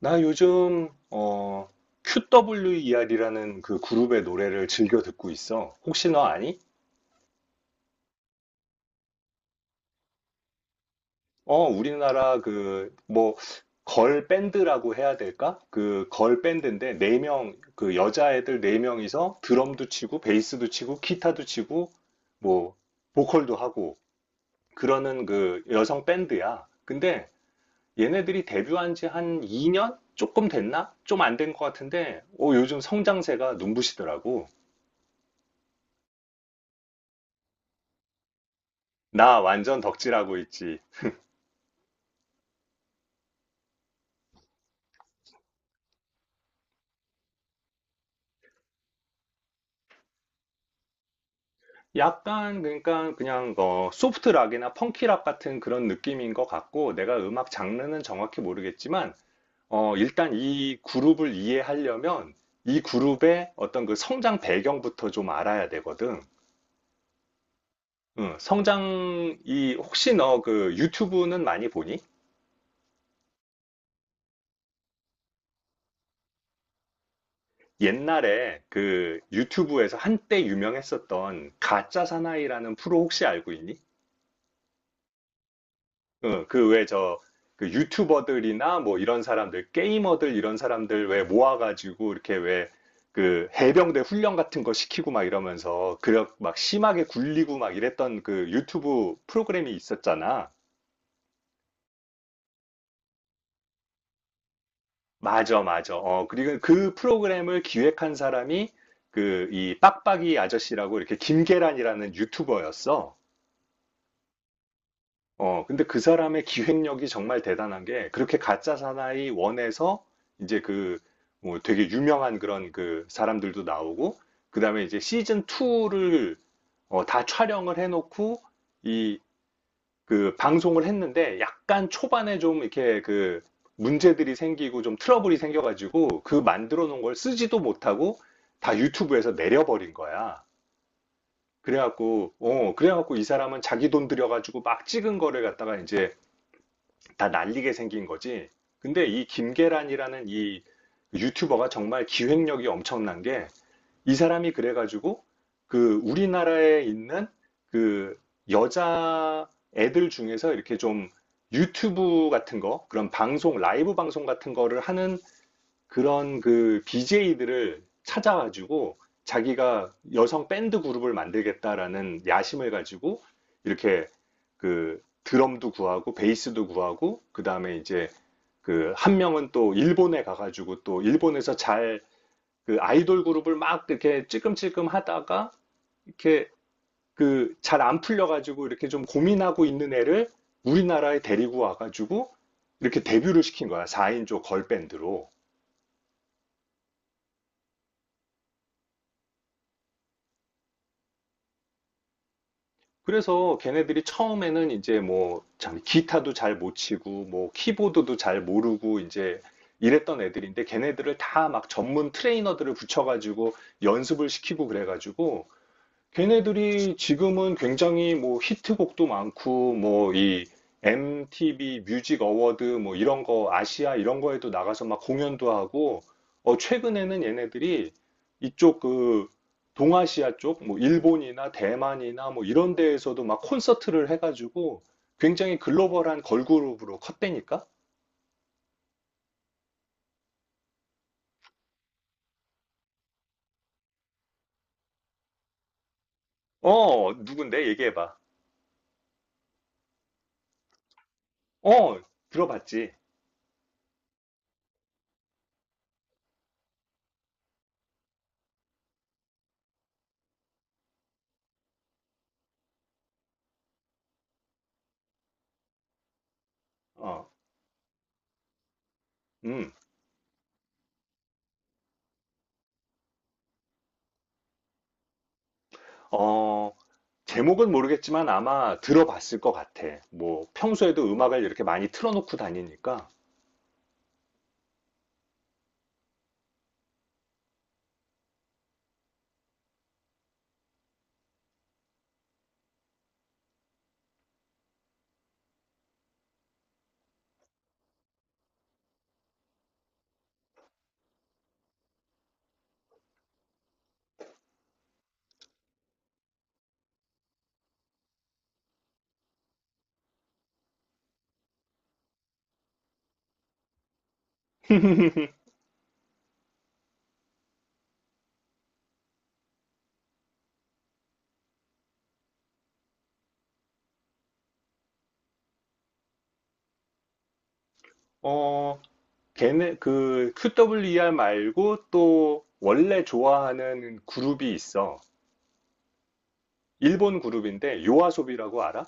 나 요즘 QWER이라는 그 그룹의 노래를 즐겨 듣고 있어. 혹시 너 아니? 우리나라 그 뭐 걸 밴드라고 해야 될까? 그 걸 밴드인데 네 명 그 여자애들 네 명이서 드럼도 치고 베이스도 치고 기타도 치고 뭐 보컬도 하고 그러는 그 여성 밴드야. 근데 얘네들이 데뷔한 지 한 2년 조금 됐나? 좀 안된 것 같은데 요즘 성장세가 눈부시더라고. 나 완전 덕질하고 있지. 약간 그러니까 그냥 소프트 락이나 펑키 락 같은 그런 느낌인 것 같고 내가 음악 장르는 정확히 모르겠지만 일단 이 그룹을 이해하려면 이 그룹의 어떤 그 성장 배경부터 좀 알아야 되거든. 응, 성장이 혹시 너 그 유튜브는 많이 보니? 옛날에 그 유튜브에서 한때 유명했었던 가짜 사나이라는 프로 혹시 알고 있니? 그 왜 저, 그 유튜버들이나 뭐 이런 사람들, 게이머들 이런 사람들 왜 모아가지고 이렇게 왜 그 해병대 훈련 같은 거 시키고 막 이러면서 그막 력 심하게 굴리고 막 이랬던 그 유튜브 프로그램이 있었잖아. 맞아, 맞아. 어, 그리고 그 프로그램을 기획한 사람이 그 이 빡빡이 아저씨라고 이렇게 김계란이라는 유튜버였어. 근데 그 사람의 기획력이 정말 대단한 게, 그렇게 가짜 사나이 원에서, 이제 그, 뭐 되게 유명한 그런 그 사람들도 나오고, 그 다음에 이제 시즌 2를, 다 촬영을 해놓고, 이, 그 방송을 했는데, 약간 초반에 좀 이렇게 그 문제들이 생기고 좀 트러블이 생겨가지고, 그 만들어 놓은 걸 쓰지도 못하고, 다 유튜브에서 내려버린 거야. 그래갖고 이 사람은 자기 돈 들여가지고 막 찍은 거를 갖다가 이제, 다 날리게 생긴 거지. 근데 이 김계란이라는 이 유튜버가 정말 기획력이 엄청난 게 이 사람이 그래가지고 그 우리나라에 있는 그 여자 애들 중에서 이렇게 좀 유튜브 같은 거, 그런 방송, 라이브 방송 같은 거를 하는 그런 그 BJ들을 찾아가지고 자기가 여성 밴드 그룹을 만들겠다라는 야심을 가지고 이렇게 그 드럼도 구하고 베이스도 구하고 그다음에 이제 그 한 명은 또 일본에 가가지고 또 일본에서 잘 그 아이돌 그룹을 막 이렇게 찔끔찔끔 하다가 이렇게 그 잘 안 풀려가지고 이렇게 좀 고민하고 있는 애를 우리나라에 데리고 와가지고 이렇게 데뷔를 시킨 거야. 4인조 걸밴드로. 그래서 걔네들이 처음에는 이제 뭐, 참, 기타도 잘 못 치고, 뭐, 키보드도 잘 모르고, 이제 이랬던 애들인데, 걔네들을 다 막 전문 트레이너들을 붙여가지고 연습을 시키고 그래가지고, 걔네들이 지금은 굉장히 뭐 히트곡도 많고 뭐 이 MTV 뮤직 어워드 뭐 이런 거 아시아 이런 거에도 나가서 막 공연도 하고 어 최근에는 얘네들이 이쪽 그 동아시아 쪽 뭐 일본이나 대만이나 뭐 이런 데에서도 막 콘서트를 해가지고 굉장히 글로벌한 걸그룹으로 컸다니까? 어 누군데 얘기해봐. 어 들어봤지. 어 음. 어 제목은 모르겠지만 아마 들어봤을 것 같아. 뭐 평소에도 음악을 이렇게 많이 틀어놓고 다니니까. 어, 걔네 그 QWER 말고 또 원래 좋아하는 그룹이 있어. 일본 그룹인데 요아소비라고 알아?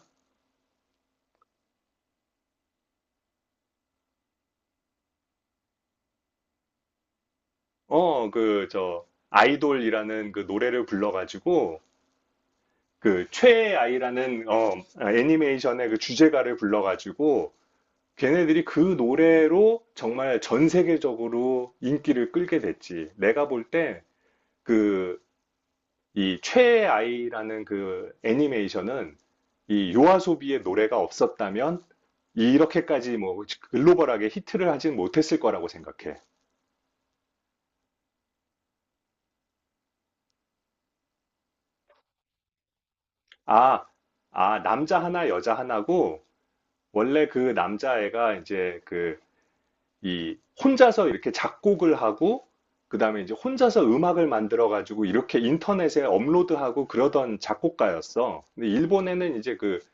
그 저 아이돌이라는 그 노래를 불러가지고 그 최애아이라는 어 애니메이션의 그 주제가를 불러가지고 걔네들이 그 노래로 정말 전 세계적으로 인기를 끌게 됐지. 내가 볼 때, 그, 이 최애 아이라는 그 애니메이션은 이 요아소비의 노래가 없었다면 이렇게까지 뭐 글로벌하게 히트를 하진 못했을 거라고 생각해. 아, 아, 남자 하나, 여자 하나고 원래 그 남자애가 이제 그 이 혼자서 이렇게 작곡을 하고 그다음에 이제 혼자서 음악을 만들어 가지고 이렇게 인터넷에 업로드하고 그러던 작곡가였어. 근데 일본에는 이제 그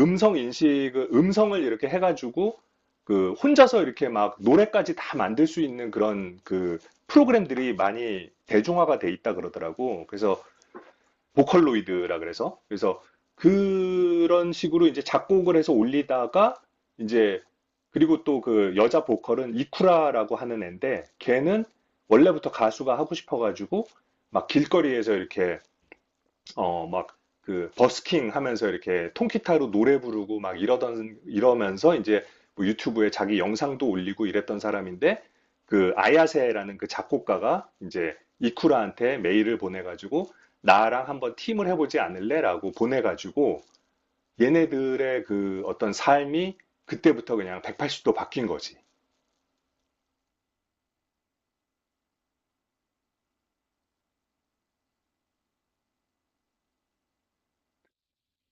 음성 인식, 음성을 이렇게 해가지고 그 혼자서 이렇게 막 노래까지 다 만들 수 있는 그런 그 프로그램들이 많이 대중화가 돼 있다 그러더라고. 그래서 보컬로이드라 그래서 그런 식으로 이제 작곡을 해서 올리다가 이제 그리고 또 그 여자 보컬은 이쿠라라고 하는 애인데 걔는 원래부터 가수가 하고 싶어가지고 막 길거리에서 이렇게 막, 그, 버스킹 하면서 이렇게 통기타로 노래 부르고 막 이러면서 이제 뭐 유튜브에 자기 영상도 올리고 이랬던 사람인데, 그, 아야세라는 그 작곡가가 이제 이쿠라한테 메일을 보내가지고, 나랑 한번 팀을 해보지 않을래? 라고 보내가지고, 얘네들의 그 어떤 삶이 그때부터 그냥 180도 바뀐 거지.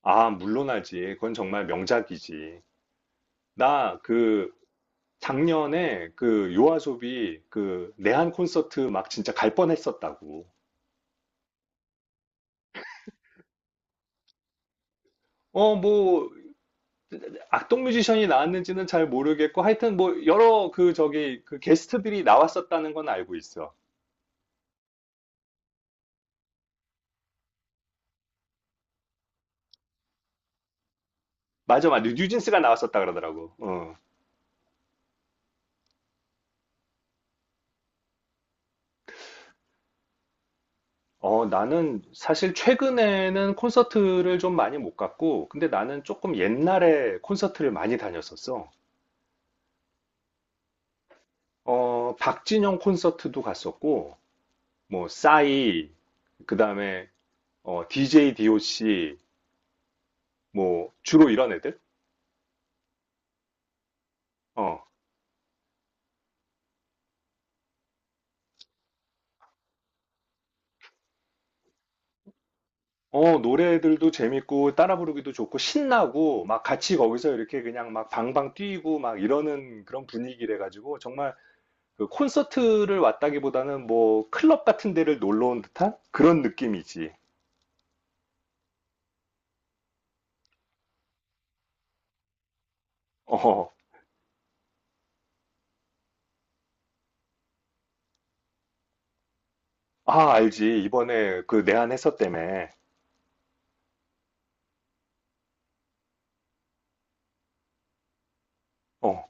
아, 물론하지. 그건 정말 명작이지. 나그 작년에 그 요아소비 그 내한 콘서트 막 진짜 갈 뻔했었다고. 뭐, 악동 뮤지션이 나왔는지는 잘 모르겠고, 하여튼 뭐, 여러 그 저기, 그 게스트들이 나왔었다는 건 알고 있어. 맞아, 맞아. 뉴진스가 나왔었다 그러더라고. 어. 어, 나는 사실 최근에는 콘서트를 좀 많이 못 갔고, 근데 나는 조금 옛날에 콘서트를 많이 다녔었어. 박진영 콘서트도 갔었고, 뭐, 싸이, 그 다음에 DJ DOC, 뭐, 주로 이런 애들? 어, 어, 노래들도 재밌고, 따라 부르기도 좋고, 신나고, 막 같이 거기서 이렇게 그냥 막 방방 뛰고, 막 이러는 그런 분위기래가지고, 정말 그 콘서트를 왔다기보다는 뭐, 클럽 같은 데를 놀러 온 듯한 그런 느낌이지. 어, 아, 알지. 이번에 그 내한했었 때문에. 어,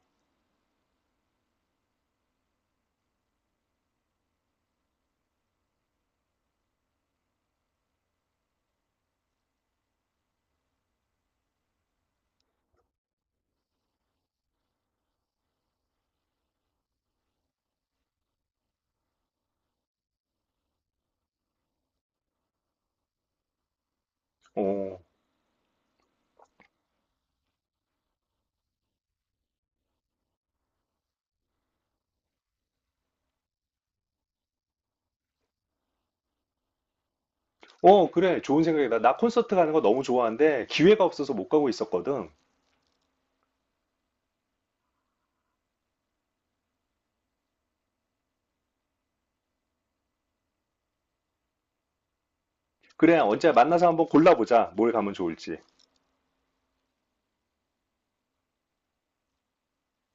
어. 어, 그래. 좋은 생각이다. 나 콘서트 가는 거 너무 좋아하는데, 기회가 없어서 못 가고 있었거든. 그래, 언제 만나서 한번 골라보자. 뭘 가면 좋을지.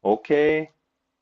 오케이.